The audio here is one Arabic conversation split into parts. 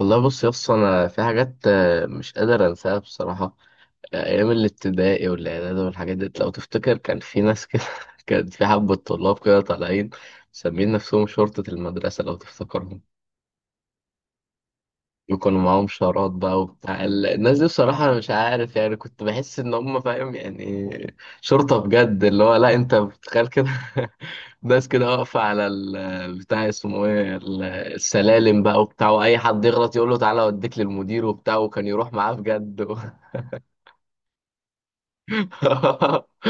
والله، بص يا اسطى، انا في حاجات مش قادر انساها بصراحه. ايام الابتدائي والاعدادي والحاجات دي لو تفتكر كان في ناس كده كان في حبه طلاب كده طالعين مسميين نفسهم شرطه المدرسه لو تفتكرهم. وكانوا معاهم شارات بقى وبتاع الناس دي. بصراحه انا مش عارف يعني، كنت بحس ان هم فاهم يعني شرطه بجد، اللي هو لا، انت بتخيل كده ناس كده واقفة على البتاع اسمه ايه، السلالم بقى وبتاع. واي حد يغلط يقول له: تعالى اوديك للمدير وبتاع. وكان يروح معاه بجد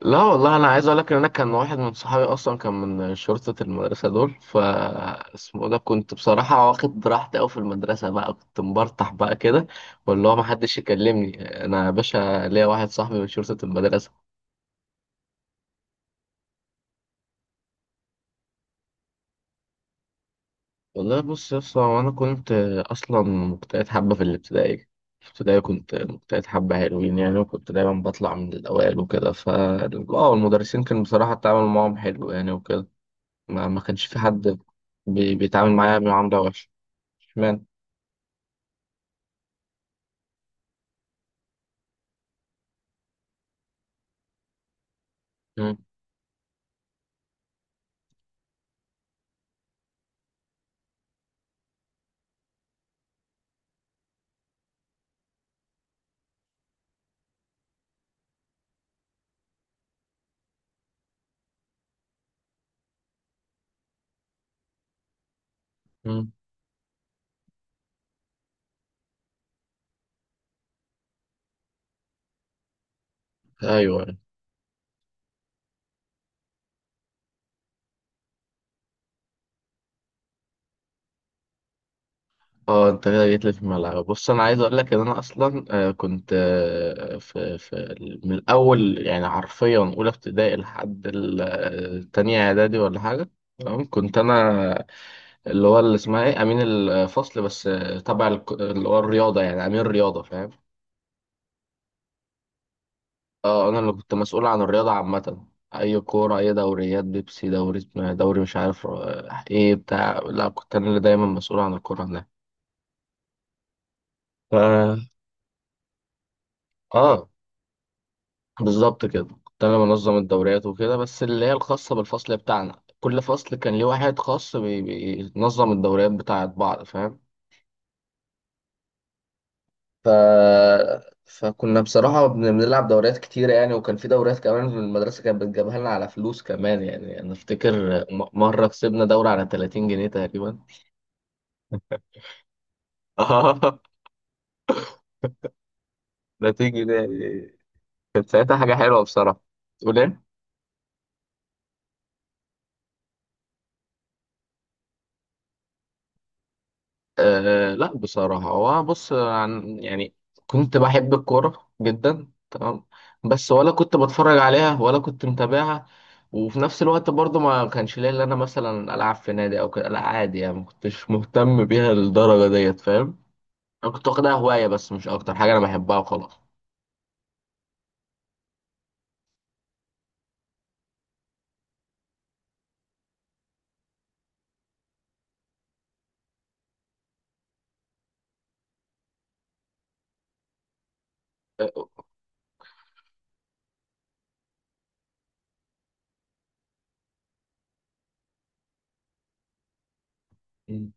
لا والله، انا عايز اقول لك ان انا كان واحد من صحابي اصلا كان من شرطة المدرسة دول اسمه ده. كنت بصراحة واخد براحتي قوي في المدرسة بقى، كنت مبرطح بقى كده. واللي هو ما حدش يكلمني انا يا باشا، ليا واحد صاحبي من شرطة المدرسة. والله، بص يا اسطى، هو انا كنت اصلا مجتهد حبه في الابتدائي. في الابتدائي كنت مجتهد حبه حلوين يعني، وكنت دايما بطلع من الاوائل وكده. ف المدرسين كان بصراحه التعامل معاهم حلو يعني وكده. ما كانش في حد بيتعامل معايا بمعامله وحشه. اشمعنى؟ مم. مم. ايوه. اه، انت كده جيت لي في الملعب. بص، انا عايز اقول لك ان انا اصلا كنت في من الاول يعني، حرفيا اولى ابتدائي لحد تانية اعدادي ولا حاجه. تمام. كنت انا اللي هو اللي اسمها ايه، امين الفصل. بس تبع اللي هو الرياضه يعني امين الرياضه، فاهم؟ اه، انا اللي كنت مسؤول عن الرياضه عامه. اي كوره، اي دوريات، بيبسي، دوري إيه، دوري مش عارف ايه بتاع. لا، كنت انا اللي دايما مسؤول عن الكوره هناك. ف- اه، بالظبط كده. كنت انا منظم الدوريات وكده، بس اللي هي الخاصه بالفصل بتاعنا. كل فصل كان ليه واحد خاص بينظم الدوريات بتاعت بعض، فاهم؟ ف... فكنا بصراحه بنلعب دوريات كتير يعني. وكان في دوريات كمان في المدرسه كانت بتجيبها لنا على فلوس كمان يعني. انا افتكر مره كسبنا دوره على 30 جنيه تقريبا. اه، 30 جنيه يعني. كانت ساعتها حاجه حلوه بصراحه. تقول إيه؟ أه، لا، بصراحة هو بص، عن يعني كنت بحب الكورة جدا تمام. بس ولا كنت بتفرج عليها ولا كنت متابعها. وفي نفس الوقت برضه ما كانش ليا اللي انا مثلا العب في نادي او كده. لا عادي يعني، ما كنتش مهتم بيها للدرجة ديت، فاهم؟ انا كنت واخدها هواية بس، مش اكتر. حاجة انا بحبها وخلاص. أه، أه،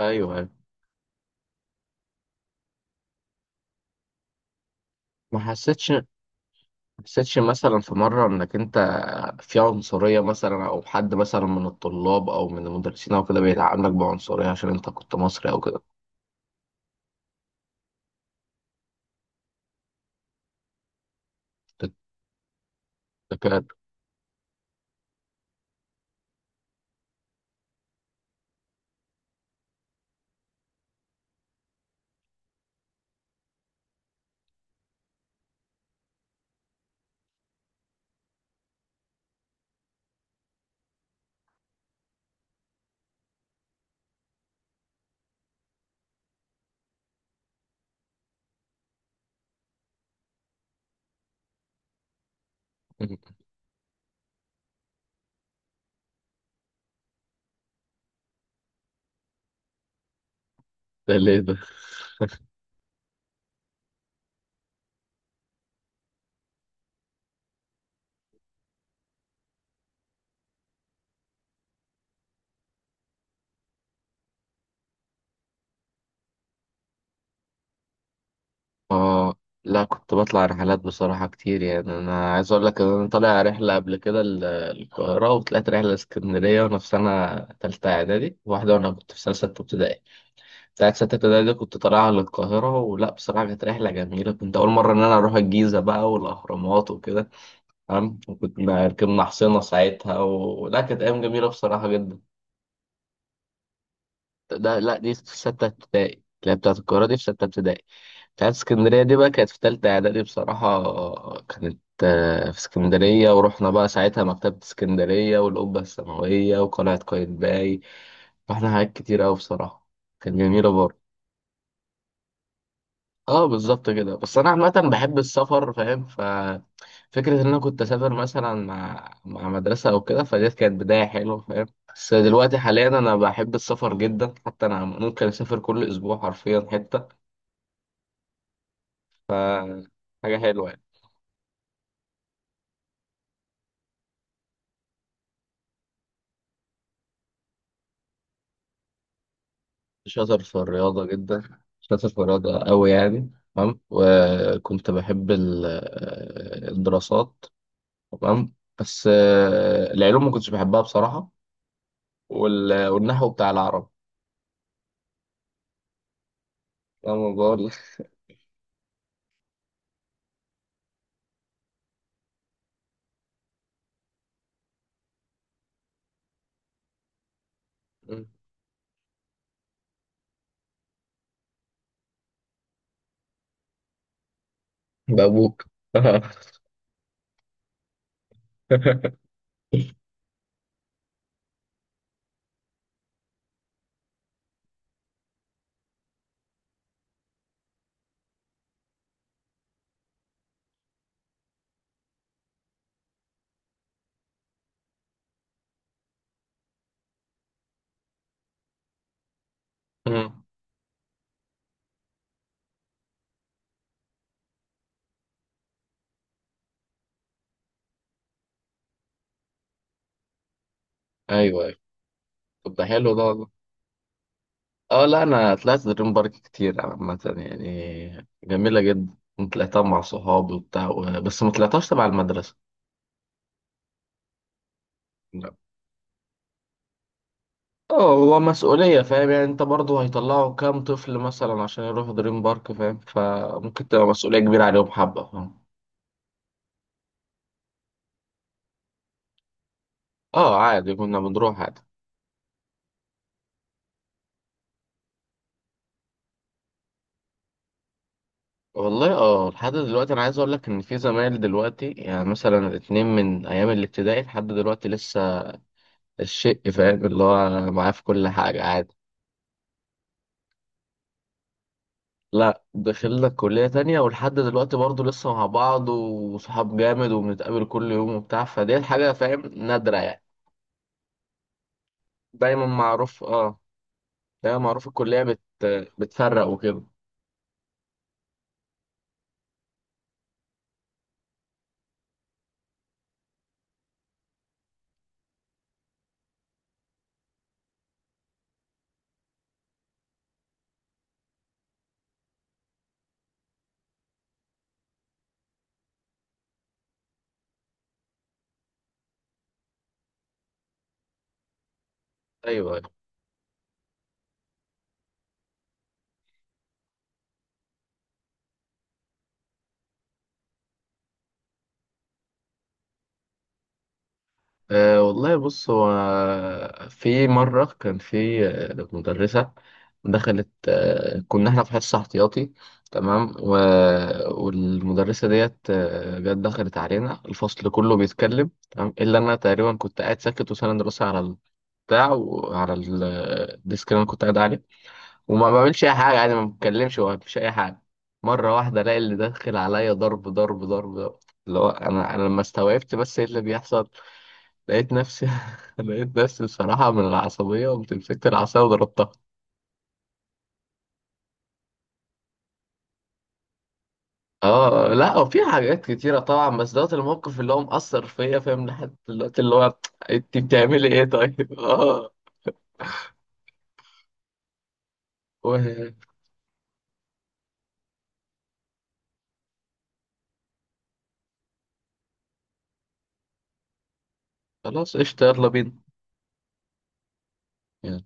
ايوه، أيوة. ما حسيتش مثلا في مرة إنك أنت في عنصرية، مثلا أو حد مثلا من الطلاب أو من المدرسين أو كده بيتعاملك بعنصرية عشان أنت كنت مصري أو كده؟ كنت تكاد. ده ليه ده؟ آه، لا، كنت بطلع رحلات بصراحة كتير يعني. أنا عايز أقول لك إن أنا طالع رحلة قبل كده القاهرة، وطلعت رحلة اسكندرية وأنا في سنة تالتة إعدادي، واحدة وأنا كنت في سنة ستة ابتدائي. بتاعت ستة ابتدائي دي كنت طالعها للقاهرة. ولا بصراحة كانت رحلة جميلة، كنت أول مرة إن أنا أروح الجيزة بقى والأهرامات وكده. تمام. وكنا ركبنا حصينة ساعتها. ولا كانت أيام جميلة بصراحة جدا. ده لا، دي في ستة ابتدائي. لا، بتاعت القاهرة دي في ستة ابتدائي. بتاعت اسكندرية دي بقى كانت في تالتة إعدادي بصراحة. كانت في اسكندرية، ورحنا بقى ساعتها مكتبة اسكندرية والقبة السماوية وقلعة قايتباي. رحنا حاجات كتير أوي بصراحة. كانت جميلة برضه. اه، بالظبط كده. بس انا عامه بحب السفر، فاهم؟ فكره ان انا كنت اسافر مثلا مع مدرسه او كده، فدي كانت بدايه حلوه، فاهم؟ بس دلوقتي حاليا انا بحب السفر جدا، حتى انا ممكن اسافر كل اسبوع حرفيا حته. ف حاجه حلوه يعني. شاطر في الرياضه جدا، شاطر في الرياضه قوي يعني تمام. وكنت بحب الدراسات تمام. بس العلوم ما كنتش بحبها بصراحه. والنحو بتاع العرب. تمام. مم. بابوك. آه. مم. ايوه، ايوه. طب ده حلو ده والله. اه، لا، انا طلعت دريم بارك كتير عامة يعني، جميلة جدا. طلعتها مع صحابي وبتاع بس ما طلعتهاش تبع المدرسة. لا. اه، هو مسؤولية، فاهم؟ يعني انت برضو، هيطلعوا كام طفل مثلا عشان يروحوا دريم بارك، فاهم؟ فممكن تبقى مسؤولية كبيرة عليهم حبة، فاهم؟ اه، عادي كنا بنروح عادي. والله، اه، لحد دلوقتي انا عايز اقول لك ان في زمايل دلوقتي، يعني مثلا الاتنين من ايام الابتدائي لحد دلوقتي لسه. الشق، فاهم؟ اللي هو معاه في كل حاجة عادي. لا، دخلنا كلية تانية. ولحد دلوقتي برضه لسه مع بعض وصحاب جامد، وبنتقابل كل يوم وبتاع. فدي حاجة، فاهم، نادرة يعني. دايما معروف، اه، دايما معروف الكلية بتفرق وكده. ايوه، أيوه. أه والله، بص هو في مرة كان في مدرسة. دخلت، كنا احنا في حصة احتياطي تمام. والمدرسة ديت جت دخلت علينا، الفصل كله بيتكلم تمام إلا أنا تقريبا. كنت قاعد ساكت وساند راسي على البتاع وعلى الديسك اللي أنا كنت قاعد عليه. وما بعملش أي حاجة يعني، ما بتكلمش وما بعملش أي حاجة. مرة واحدة ألاقي اللي داخل عليا ضرب، ضرب، ضرب، ضرب. اللي هو، أنا لما استوعبت بس إيه اللي بيحصل. لقيت نفسي لقيت نفسي بصراحة، من العصبية قمت مسكت العصاية وضربتها. اه، لا، وفي حاجات كتيرة طبعا، بس دوت الموقف اللي هو مأثر فيا، فاهم، لحد دلوقتي اللي هو، انت بتعملي ايه طيب؟ اه و- خلاص قشطة، يلا بينا يعني.